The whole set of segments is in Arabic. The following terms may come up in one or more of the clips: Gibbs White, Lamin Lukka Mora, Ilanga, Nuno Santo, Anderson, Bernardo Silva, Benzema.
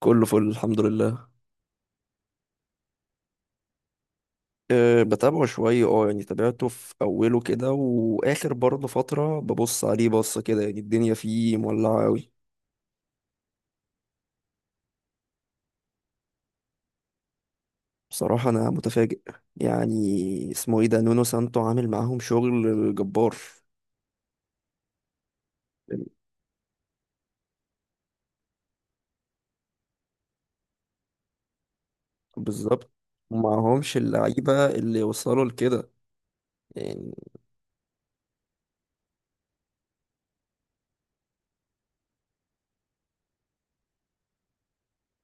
كله فل، الحمد لله. بتابعه شوية، يعني تابعته في أوله كده، وآخر برضه فترة ببص عليه بصة كده. يعني الدنيا فيه مولعة أوي. بصراحة أنا متفاجئ. يعني اسمه ايه ده، نونو سانتو عامل معاهم شغل جبار. بالظبط. ومعهمش اللعيبة اللي وصلوا لكده يعني.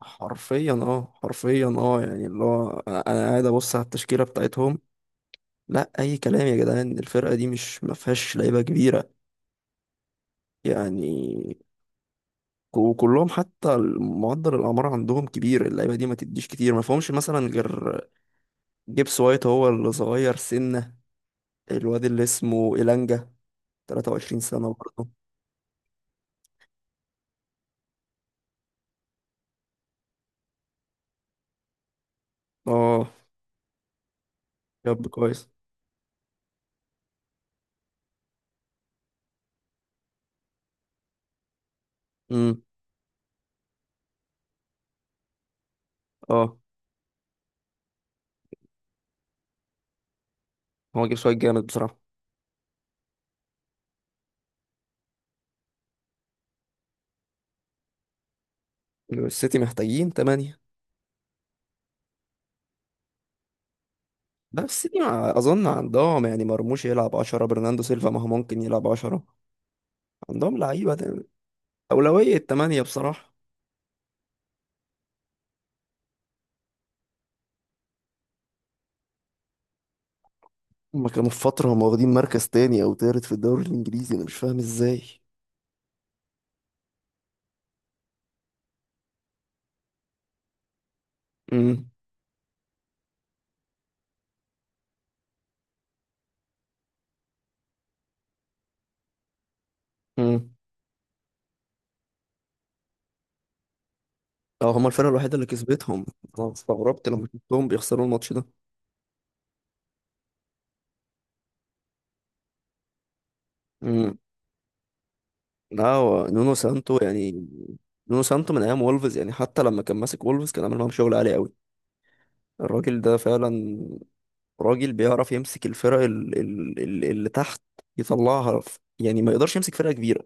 حرفيا حرفيا يعني اللي هو أنا قاعد أبص على التشكيلة بتاعتهم. لا، أي كلام يا جدعان، الفرقة دي مش مفيهاش لعيبة كبيرة يعني. وكلهم حتى معدل الاعمار عندهم كبير، اللعيبه دي ما تديش كتير، ما فيهمش مثلا غير جيبس وايت، هو اللي صغير سنه. الواد اللي اسمه إيلانجا 23 سنه برضه. اه، شاب كويس. امم. اه، هو جيبس وايت جامد بصراحه. السيتي محتاجين تمانية. بس السيتي اظن عندهم، يعني مرموش يلعب 10، برناندو سيلفا ما هو ممكن يلعب 10. عندهم لعيبه تاني. اولويه تمانية بصراحه. هما كانوا في فتره هم واخدين مركز تاني او تالت في الدوري الانجليزي، انا مش فاهم ازاي. امم. اه، هما الفرقة الوحيدة اللي كسبتهم. انا استغربت لما شفتهم بيخسروا الماتش ده. امم. لا، هو نونو سانتو يعني. نونو سانتو من ايام وولفز، يعني حتى لما كان ماسك وولفز كان عامل معاهم شغل عالي قوي. الراجل ده فعلا راجل بيعرف يمسك الفرق اللي تحت، يطلعها يعني ما يقدرش يمسك فرقة كبيرة،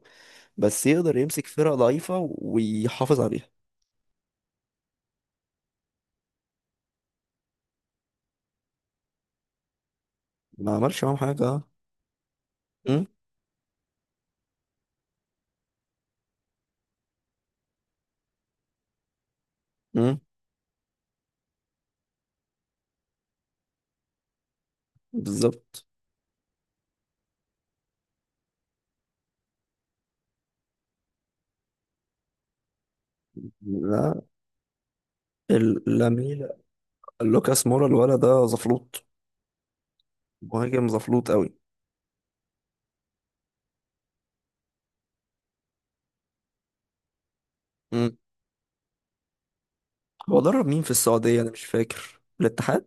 بس يقدر يمسك فرقة ضعيفة ويحافظ عليها. ما عملش معاهم حاجة. امم. امم. بالظبط. لا، لامين. لوكاس مورا الولد ده زفلوط، مهاجم زفلوط قوي. مم. هو درب مين في السعودية؟ انا مش فاكر، الاتحاد.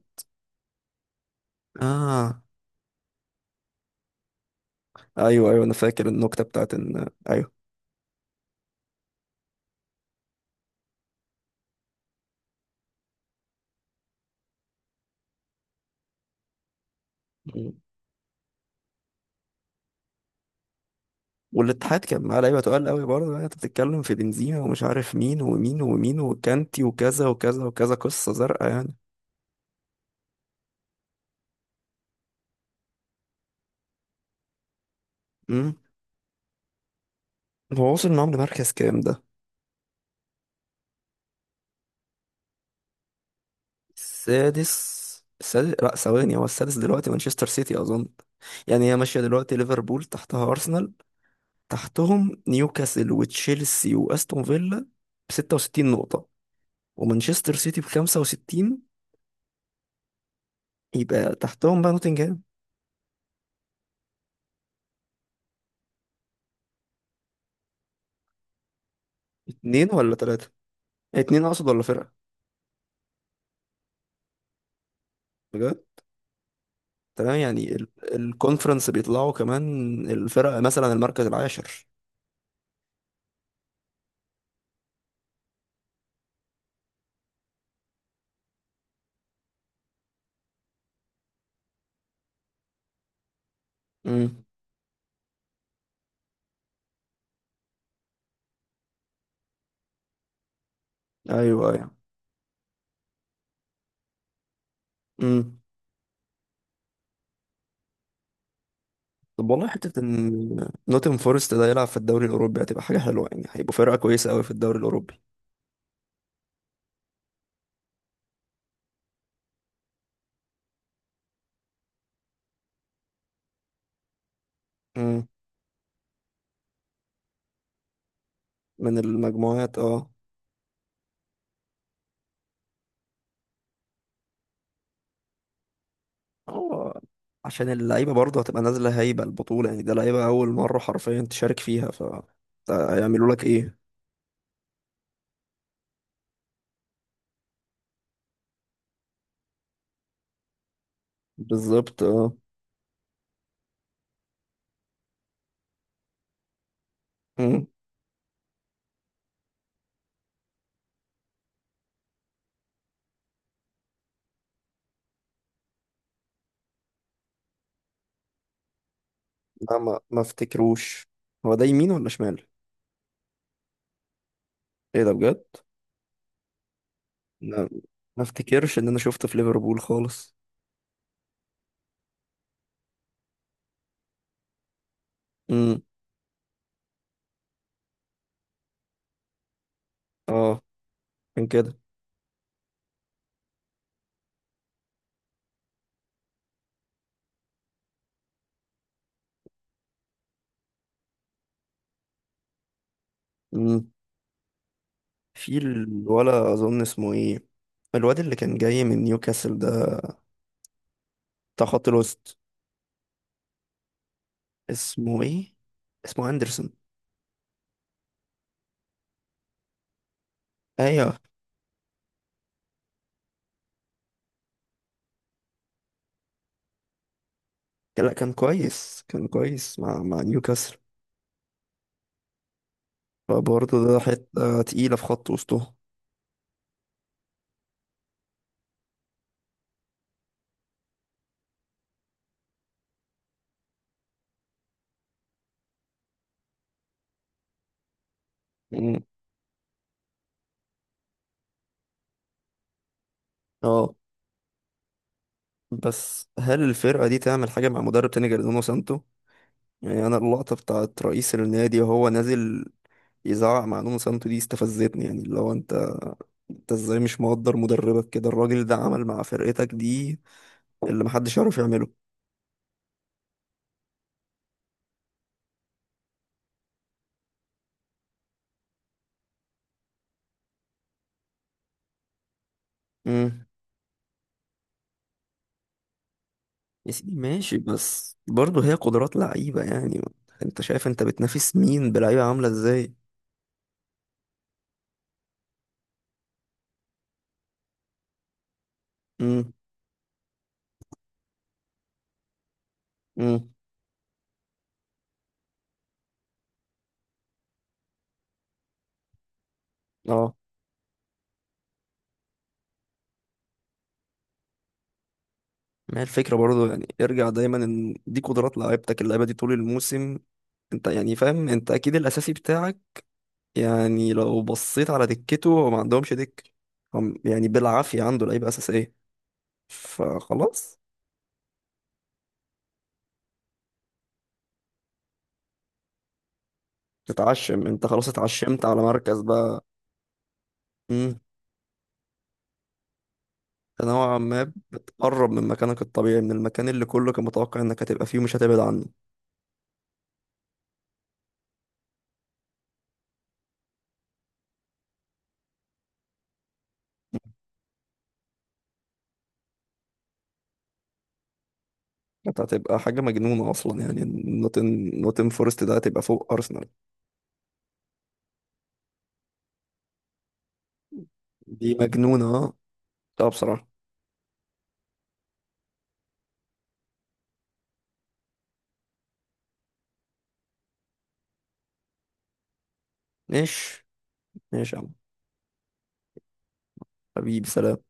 اه، ايوه ايوه، انا فاكر النكتة بتاعت ان ايوه. مم. والاتحاد كان معاه لعيبة تقال قوي برضه، يعني انت بتتكلم في بنزيما ومش عارف مين ومين ومين وكانتي وكذا وكذا وكذا، قصة زرقاء يعني. امم. هو وصل معاهم لمركز كام ده؟ السادس. السادس، لا ثواني، هو السادس دلوقتي مانشستر سيتي اظن. يعني هي ماشية دلوقتي ليفربول تحتها ارسنال، تحتهم نيوكاسل وتشيلسي واستون فيلا ب 66 نقطة، ومانشستر سيتي ب 65. يبقى تحتهم بقى نوتنجهام. اتنين ولا تلاتة؟ اتنين اقصد ولا فرقة؟ بجد. تمام يعني الكونفرنس بيطلعوا كمان الفرق مثلا المركز العاشر. امم. ايوه ايوه. امم. طب والله حتة ان نوتن فورست ده يلعب في الدوري الاوروبي هتبقى حاجة حلوة، يعني هيبقوا فرقة كويسة قوي في الدوري الاوروبي. امم. من المجموعات اه. هو عشان اللعيبة برضه هتبقى نازلة هايبة البطولة، يعني ده لعيبة أول مرة حرفيا تشارك فيها، ف ده هيعملوا لك إيه. بالظبط اه. مم. لا، ما افتكروش. هو ده يمين ولا شمال؟ إيه ده بجد؟ لا، ما افتكرش إن أنا شفته في ليفربول خالص. امم. اه، كان كده. امم. في الولا أظن اسمه إيه الواد اللي كان جاي من نيوكاسل ده بتاع خط الوسط. اسمه إيه؟ اسمه أندرسون. ايوه. لا، كان كويس، كان كويس مع نيوكاسل. فبرضه ده حتة تقيلة في خط وسطهم. مم. اه. بس هل الفرقة دي تعمل حاجة مع مدرب تاني غير نونو سانتو؟ يعني أنا اللقطة بتاعت رئيس النادي وهو نازل يزعق مع نونو سانتو دي استفزتني، يعني اللي هو انت، انت ازاي مش مقدر مدربك كده؟ الراجل ده عمل مع فرقتك دي اللي محدش يعرف يعمله. امم. يا سيدي ماشي، بس برضه هي قدرات لعيبة يعني. انت شايف انت بتنافس مين بلعيبة عاملة ازاي؟ امم اه. ما هي الفكرة برضو، يعني ارجع دايما ان دي قدرات لعيبتك، اللعيبة دي طول الموسم انت يعني فاهم، انت اكيد الاساسي بتاعك. يعني لو بصيت على دكته هو ما عندهمش دك، هم يعني بالعافية عنده لعيبة اساسية، فخلاص. تتعشم انت، خلاص اتعشمت على مركز بقى. امم. نوعا ما بتقرب من مكانك الطبيعي، من المكان اللي كله كان متوقع انك هتبقى فيه ومش هتبعد عنه. انت هتبقى حاجة مجنونة اصلا يعني. نوتن فورست ده هتبقى فوق ارسنال. دي مجنونة اه. آه، بصراحة. ماشي، ماشي يا عم. حبيبي، سلام.